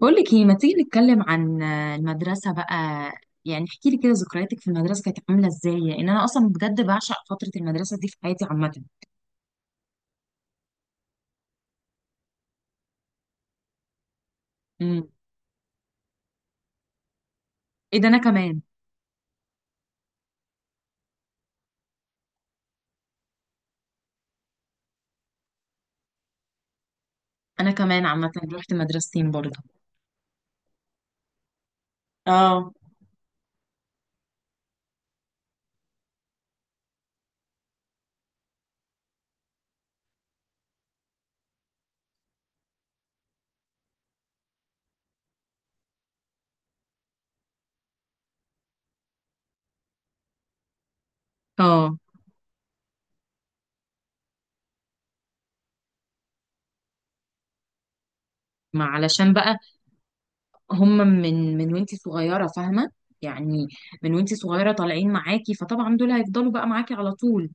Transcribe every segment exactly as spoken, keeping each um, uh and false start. بقولك ايه، ما تيجي نتكلم عن المدرسة بقى؟ يعني احكي لي كده ذكرياتك في المدرسة كانت عاملة ازاي، لان انا اصلا بجد بعشق فترة المدرسة دي في حياتي عامة. امم ايه ده، انا كمان. انا كمان عامة رحت مدرستين برضه. اه. اه. ما علشان بقى هم من من وانتي صغيرة، فاهمة؟ يعني من وانتي صغيرة طالعين معاكي، فطبعا دول هيفضلوا بقى معاكي على طول.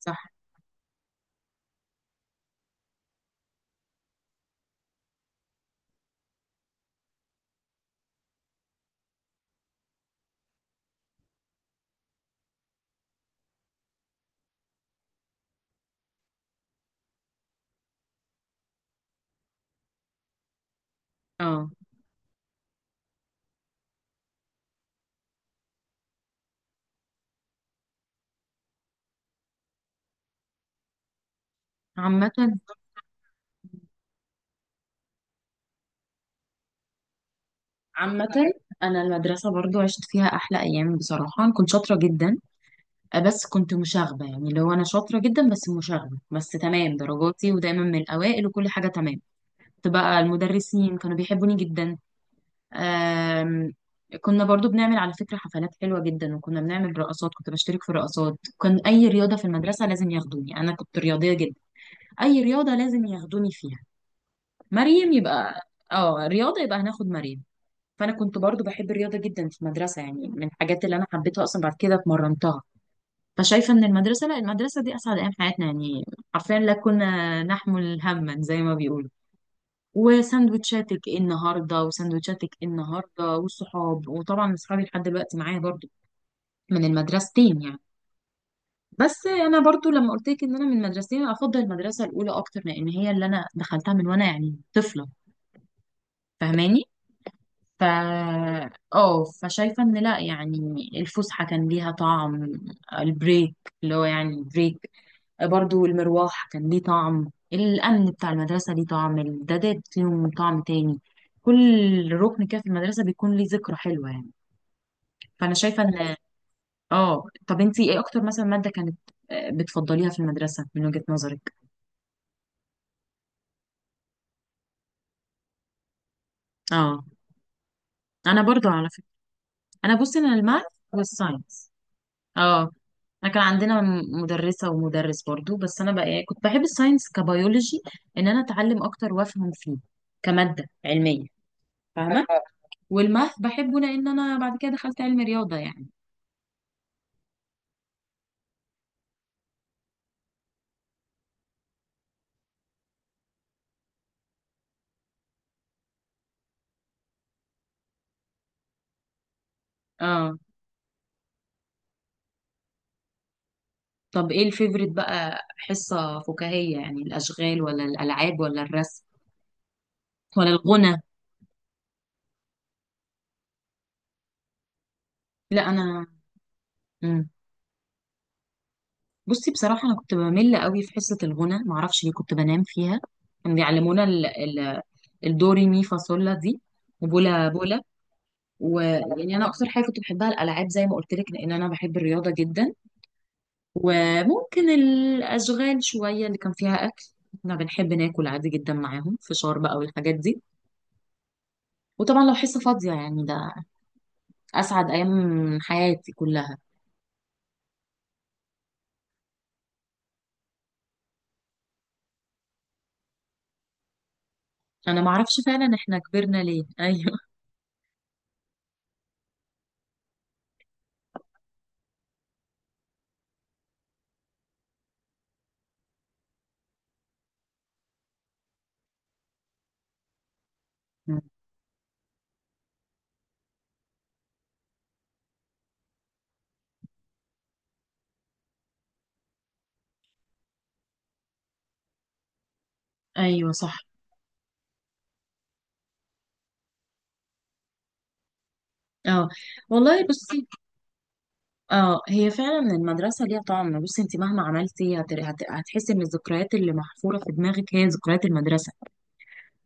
صح. اه. عامة. عامة انا المدرسة برضو عشت فيها احلى ايام. بصراحة أنا كنت شاطرة جدا. آه، بس كنت مشاغبة، يعني اللي هو أنا شاطرة جدا بس مشاغبة، بس تمام، درجاتي ودايما من الأوائل وكل حاجة تمام. كنت بقى المدرسين كانوا بيحبوني جدا. آم، كنا برضو بنعمل على فكرة حفلات حلوة جدا، وكنا بنعمل رقصات، كنت بشترك في رقصات، كان أي رياضة في المدرسة لازم ياخدوني، أنا كنت رياضية جدا. أي رياضة لازم ياخدوني فيها. مريم يبقى. اه رياضة يبقى هناخد مريم. فأنا كنت برضو بحب الرياضة جدا في المدرسة، يعني من الحاجات اللي أنا حبيتها أصلا بعد كده اتمرنتها. فشايفة ان المدرسة، لا المدرسة دي اسعد ايام حياتنا يعني. حرفيا لا كنا نحمل هما زي ما بيقولوا، وساندوتشاتك ايه النهارده وساندوتشاتك ايه النهارده والصحاب، وطبعا اصحابي لحد دلوقتي معايا برضو. من المدرستين يعني. بس انا برضو لما قلت لك ان انا من مدرستين، افضل المدرسة الاولى اكتر لان هي اللي انا دخلتها من وانا يعني طفلة، فاهماني؟ ف، اه فشايفة ان لا يعني الفسحة كان ليها طعم، البريك، اللي هو يعني بريك. برضو المروح كان ليه طعم، الأمن بتاع المدرسة ليه طعم، الدادات ليهم طعم تاني. كل ركن كده في المدرسة بيكون ليه ذكرى حلوة يعني. فأنا شايفة إن، اه طب انتي ايه أكتر مثلا مادة كانت آه، بتفضليها في المدرسة من وجهة نظرك؟ اه أنا برضو على فكرة. أنا بصي أنا الماث والساينس. اه انا كان عندنا م- مدرسة ومدرس برضو، بس انا بقى كنت بحب الساينس كبيولوجي، ان انا اتعلم اكتر وافهم فيه كمادة علمية، فاهمة؟ والماث بحبه لان انا بعد كده دخلت علم رياضه يعني. اه طب ايه الفيفوريت بقى، حصه فكاهيه يعني؟ الاشغال ولا الالعاب ولا الرسم ولا الغنى؟ لا انا. مم. بصي بصراحه انا كنت بمل قوي في حصه الغنى، معرفش ليه، كنت بنام فيها. كانوا بيعلمونا ال... ال... الدوري مي فاصولا دي، وبولا بولا. ويعني انا اكتر حاجه كنت بحبها الالعاب زي ما قلت لك، لان انا بحب الرياضه جدا. وممكن الأشغال شوية اللي كان فيها أكل، احنا بنحب ناكل عادي جدا معاهم، فشار بقى والحاجات دي. وطبعا لو حصة فاضية يعني ده أسعد أيام حياتي كلها. أنا معرفش فعلا احنا كبرنا ليه، أيوه. مم. ايوه صح. اه والله بصي. اه هي فعلا المدرسه ليها طعم، بصي انت مهما عملتي هت- هت- هتحسي ان الذكريات اللي محفوره في دماغك هي ذكريات المدرسه.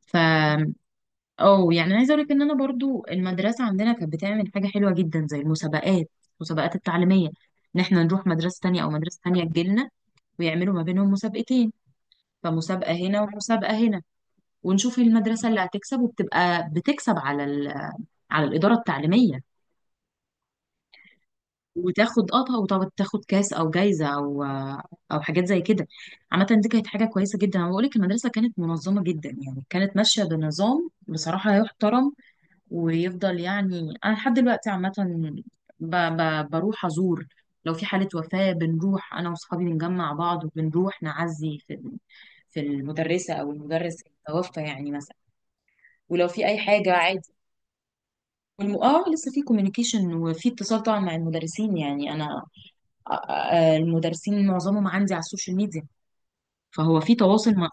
ف، اه يعني عايزه اقول لك ان انا برضو المدرسه عندنا كانت بتعمل حاجه حلوه جدا زي المسابقات، المسابقات التعليميه، ان احنا نروح مدرسه تانية او مدرسه تانية تجيلنا، ويعملوا ما بينهم مسابقتين. فمسابقه هنا ومسابقه هنا، ونشوف المدرسه اللي هتكسب، وبتبقى بتكسب على ال... على الاداره التعليميه، وتاخد اه، وطب تاخد كاس او جايزه او او حاجات زي كده. عامه دي كانت حاجه كويسه جدا، انا بقول لك المدرسه كانت منظمه جدا، يعني كانت ماشيه بنظام بصراحه يحترم ويفضل. يعني انا لحد دلوقتي عامه ب... ب... بروح ازور، لو في حاله وفاه بنروح انا واصحابي بنجمع بعض وبنروح نعزي في ال- في المدرسه او المدرس اللي توفى يعني مثلا. ولو في اي حاجه عادي. والم... اه لسه في كوميونيكيشن وفي اتصال طبعا مع المدرسين، يعني انا آه، آه، المدرسين معظمهم عندي على السوشيال ميديا، فهو في تواصل مع،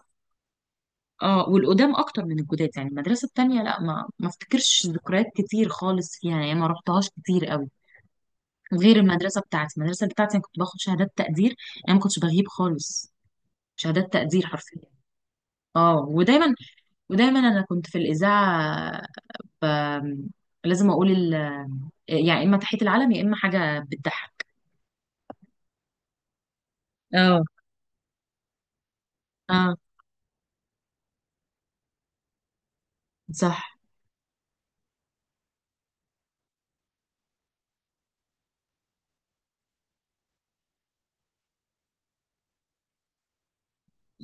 اه والقدام اكتر من الجداد. يعني المدرسه التانيه لا ما ما افتكرش ذكريات كتير خالص فيها يعني، ما رحتهاش كتير قوي غير المدرسه بتاعتي. المدرسه بتاعتي انا كنت باخد شهادات تقدير، انا ما كنتش بغيب خالص، شهادات تقدير حرفيا. اه ودايما، ودايما انا كنت في الاذاعه، ب... لازم اقول ال... يعني اما تحيه العلم يا اما حاجه بتضحك. اه. اه. صح.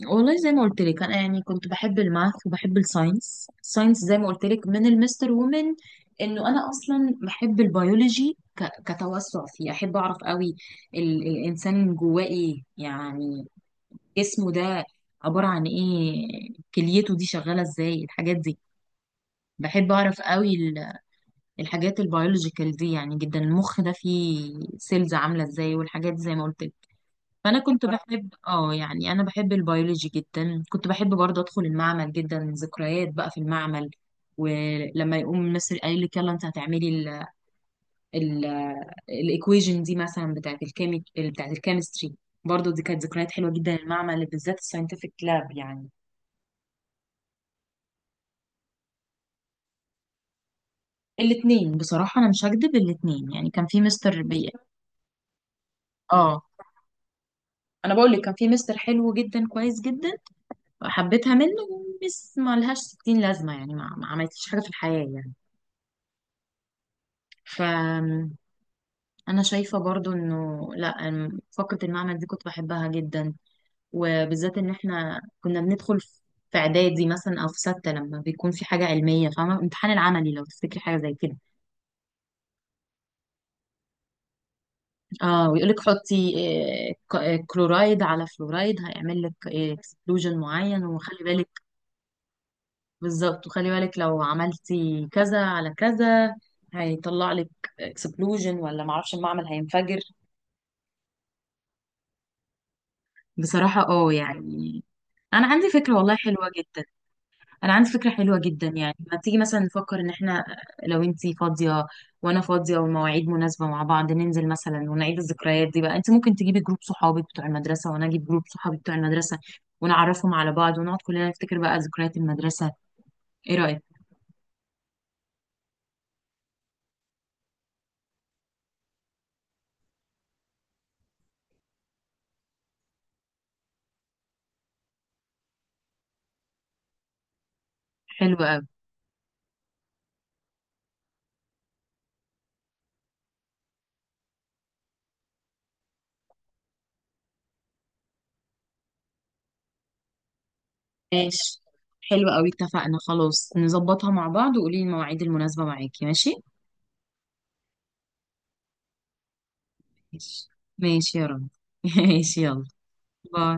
والله زي ما قلت لك انا يعني كنت بحب الماث وبحب الساينس، الساينس زي ما قلت لك من المستر، ومن انه انا اصلا بحب البيولوجي ك- كتوسع فيه، احب اعرف قوي ال- الانسان جواه ايه يعني، جسمه ده عبارة عن ايه، كليته دي شغالة ازاي، الحاجات دي. بحب اعرف قوي ال- الحاجات البيولوجيكال دي يعني جدا. المخ ده فيه سيلز عاملة ازاي والحاجات دي زي ما قلت لك. فانا كنت بحب اه يعني انا بحب البيولوجي جدا، كنت بحب برضه ادخل المعمل جدا، ذكريات بقى في المعمل. ولما يقوم مصر قايل لك يلا انت هتعملي ال ال الايكويجن دي مثلا بتاعت الكيمي بتاعت الكيمستري، برضه دي كانت ذكريات حلوه جدا، المعمل بالذات الساينتفك لاب يعني. الاتنين بصراحة، أنا مش هكدب، الاتنين يعني كان في مستر بي. اه أنا بقول لك كان في مستر حلو جدا، كويس جدا، حبيتها منه، ومس ما لهاش ستين لازمة يعني ما, ما عملتليش حاجة في الحياة يعني. ف أنا شايفة برضو إنه لأ أم- فقرة المعمل دي كنت بحبها جدا، وبالذات إن إحنا كنا بندخل في في إعدادي مثلا أو في ستة لما بيكون في حاجة علمية، فاهمة؟ الامتحان العملي لو تفتكري حاجة زي كده. اه ويقول لك حطي آه، ك- آه، كلورايد على فلورايد هيعمل لك اكسبلوجن معين، وخلي بالك. بالظبط، وخلي بالك لو عملتي كذا على كذا هيطلع لك اكسبلوجن، ولا معرفش المعمل هينفجر. بصراحة اه يعني انا عندي فكرة والله حلوة جدا، انا عندي فكره حلوه جدا، يعني ما تيجي مثلا نفكر ان احنا، لو انتي فاضيه وانا فاضيه والمواعيد مناسبه مع بعض، ننزل مثلا ونعيد الذكريات دي بقى. انت ممكن تجيبي جروب صحابك بتوع المدرسه، وانا اجيب جروب صحابي بتوع المدرسه، ونعرفهم على بعض، ونقعد كلنا نفتكر بقى ذكريات المدرسه. ايه رايك؟ حلو قوي. ماشي. حلو قوي، اتفقنا، خلاص نظبطها مع بعض، وقولي لي المواعيد المناسبه معاكي. ماشي. ماشي. ماشي يا رب. ماشي يلا. باي.